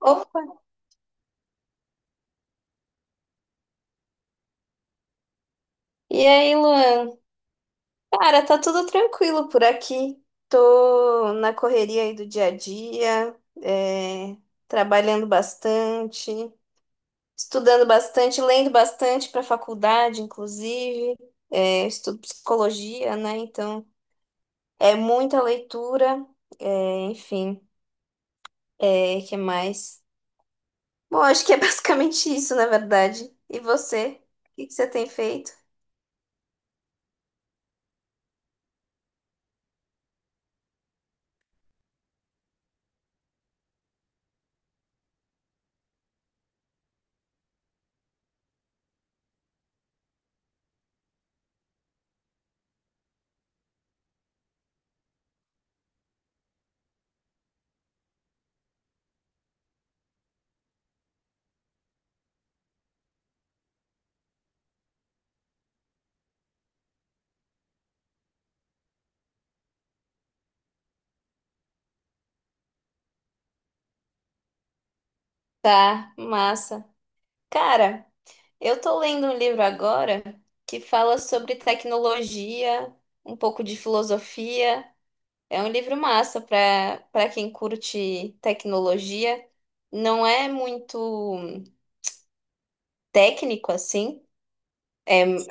Opa, e aí, Luan? Cara, tá tudo tranquilo por aqui. Tô na correria aí do dia a dia, é, trabalhando bastante, estudando bastante, lendo bastante para faculdade, inclusive. É, estudo psicologia, né? Então, é muita leitura, enfim, é, que mais? Bom, acho que é basicamente isso, na verdade. E você? O que que você tem feito? Tá, massa. Cara. Eu tô lendo um livro agora que fala sobre tecnologia, um pouco de filosofia. É um livro massa para quem curte tecnologia. Não é muito técnico assim.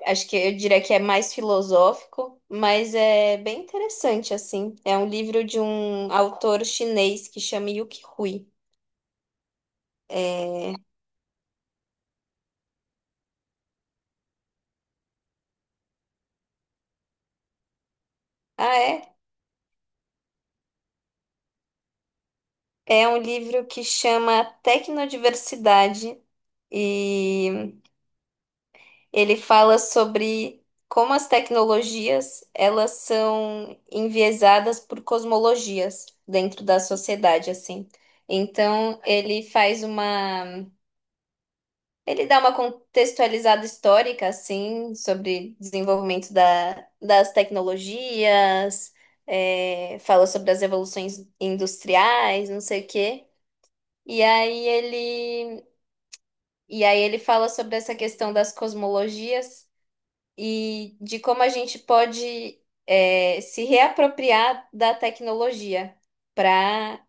Acho que eu diria que é mais filosófico, mas é bem interessante assim. É um livro de um autor chinês que chama Yuki Hui. É... Ah, é? É um livro que chama Tecnodiversidade e ele fala sobre como as tecnologias elas são enviesadas por cosmologias dentro da sociedade, assim. Então, ele dá uma contextualizada histórica, assim, sobre desenvolvimento das tecnologias, é, fala sobre as revoluções industriais, não sei o quê. E aí ele, e aí ele fala sobre essa questão das cosmologias, e de como a gente pode, é, se reapropriar da tecnologia para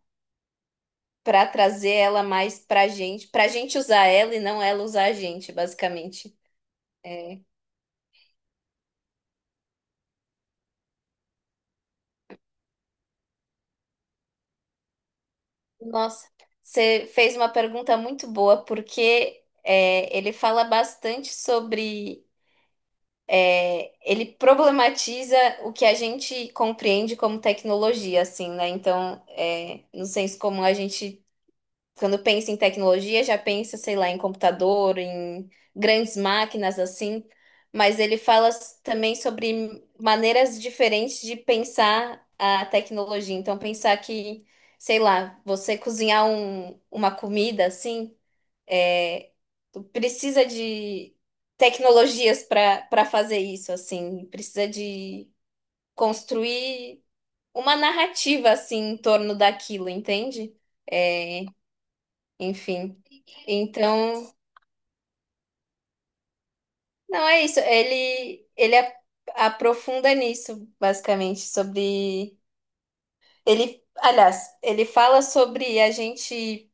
para trazer ela mais para a gente usar ela e não ela usar a gente, basicamente. Nossa, você fez uma pergunta muito boa, porque é, ele fala bastante sobre. É, ele problematiza o que a gente compreende como tecnologia, assim, né? Então, é, no senso comum, a gente. Quando pensa em tecnologia, já pensa, sei lá, em computador, em grandes máquinas assim, mas também sobre maneiras diferentes de pensar a tecnologia. Então, pensar que, sei lá, você cozinhar uma comida assim, é, tu precisa de tecnologias para fazer isso, assim, precisa de construir uma narrativa assim em torno daquilo, entende? É, enfim. Então, não é isso. Ele aprofunda nisso, basicamente, sobre. Ele, aliás, ele fala sobre a gente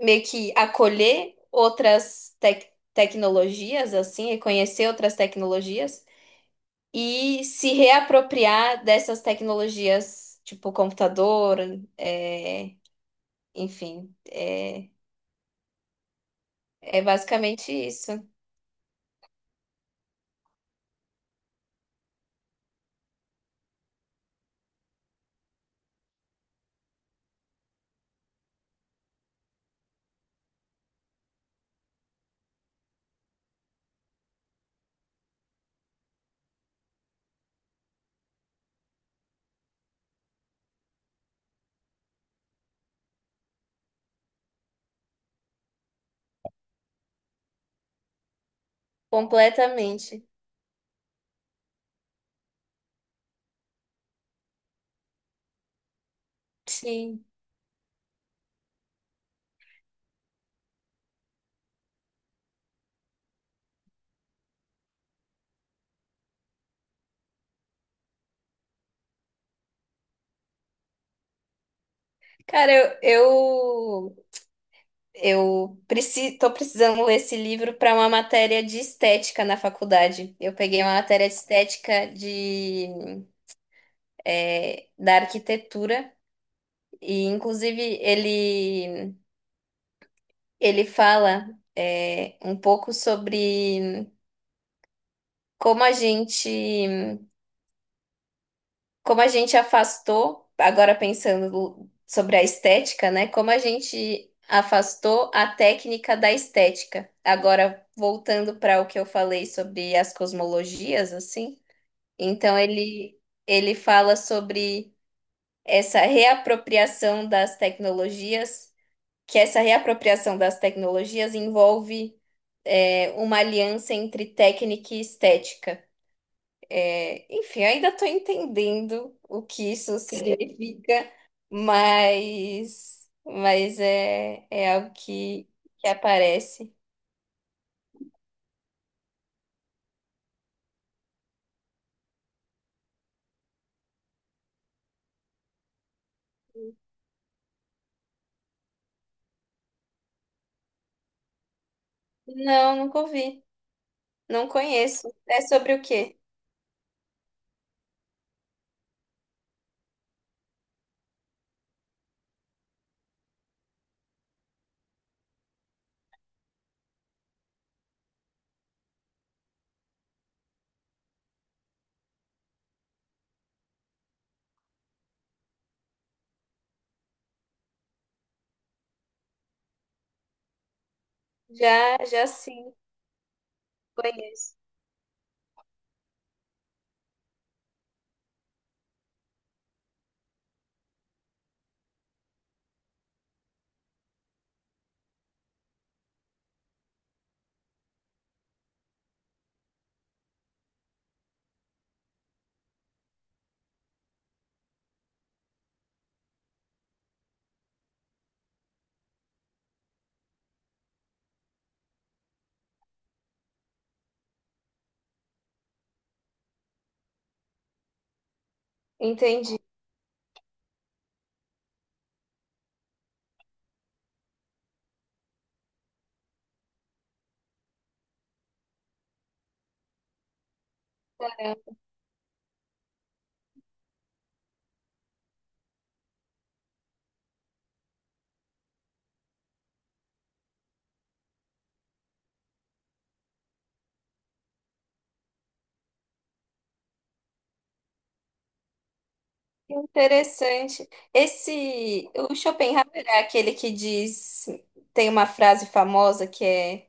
meio que acolher outras tecnologias, assim, e conhecer outras tecnologias e se reapropriar dessas tecnologias, tipo computador, é, enfim, é, é basicamente isso. Completamente. Sim. Cara, eu, tô precisando ler esse livro para uma matéria de estética na faculdade. Eu peguei uma matéria de estética de, é, da arquitetura e, inclusive, ele fala, é, um pouco sobre como a gente como a gente afastou, agora pensando sobre a estética, né? Como a gente afastou a técnica da estética. Agora, voltando para o que eu falei sobre as cosmologias, assim, então ele fala sobre essa reapropriação das tecnologias, que essa reapropriação das tecnologias envolve, é, uma aliança entre técnica e estética. É, enfim, ainda estou entendendo o que isso significa, mas é, é algo que aparece. Não, nunca ouvi. Não conheço. É sobre o quê? Já, já sim, conheço. Entendi. Interessante. Esse, o Schopenhauer é aquele que diz, tem uma frase famosa que é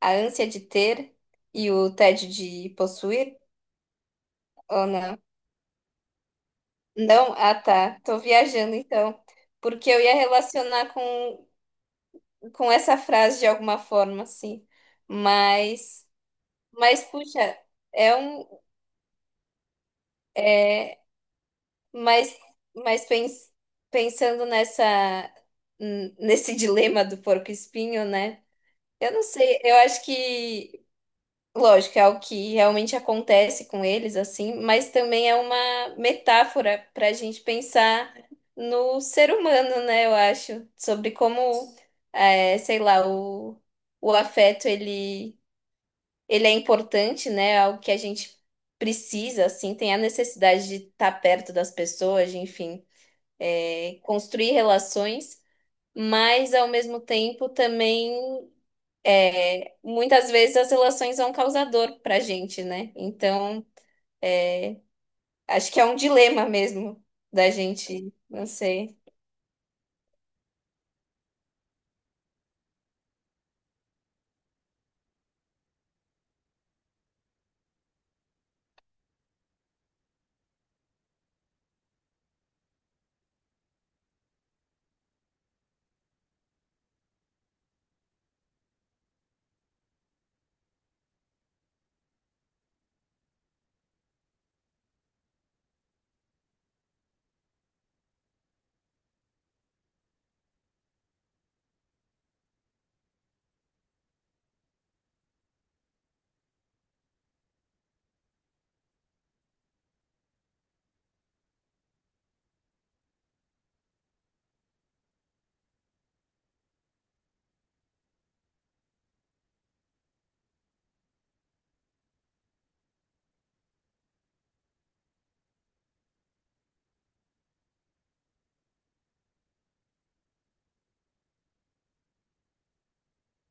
a ânsia de ter e o tédio de possuir, ou não? Não? Ah, tá. Tô viajando então. Porque eu ia relacionar com essa frase de alguma forma, assim. Mas, mas puxa, é um. Mas, mas pens- pensando nesse dilema do porco-espinho, né? Eu não sei, eu acho que. Lógico, é o que realmente acontece com eles, assim, mas também é uma metáfora para a gente pensar no ser humano, né? Eu acho, sobre como, é, sei lá, o afeto ele é importante, né? É algo que a gente precisa, assim, tem a necessidade de estar perto das pessoas, de, enfim, é, construir relações, mas ao mesmo tempo também muitas vezes as relações são causador para a gente, né? Então acho que é um dilema mesmo da gente, não sei.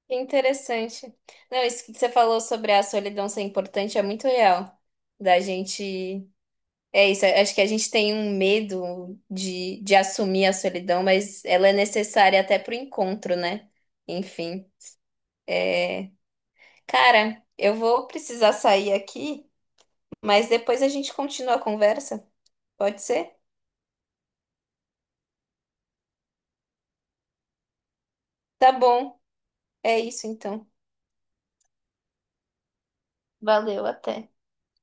Que interessante. Não, isso que você falou sobre a solidão ser importante é muito real. Da gente. É isso, acho que a gente tem um medo de assumir a solidão, mas ela é necessária até pro encontro, né? Enfim. É, cara, eu vou precisar sair aqui, mas depois a gente continua a conversa. Pode ser? Tá bom. É isso então. Valeu, até.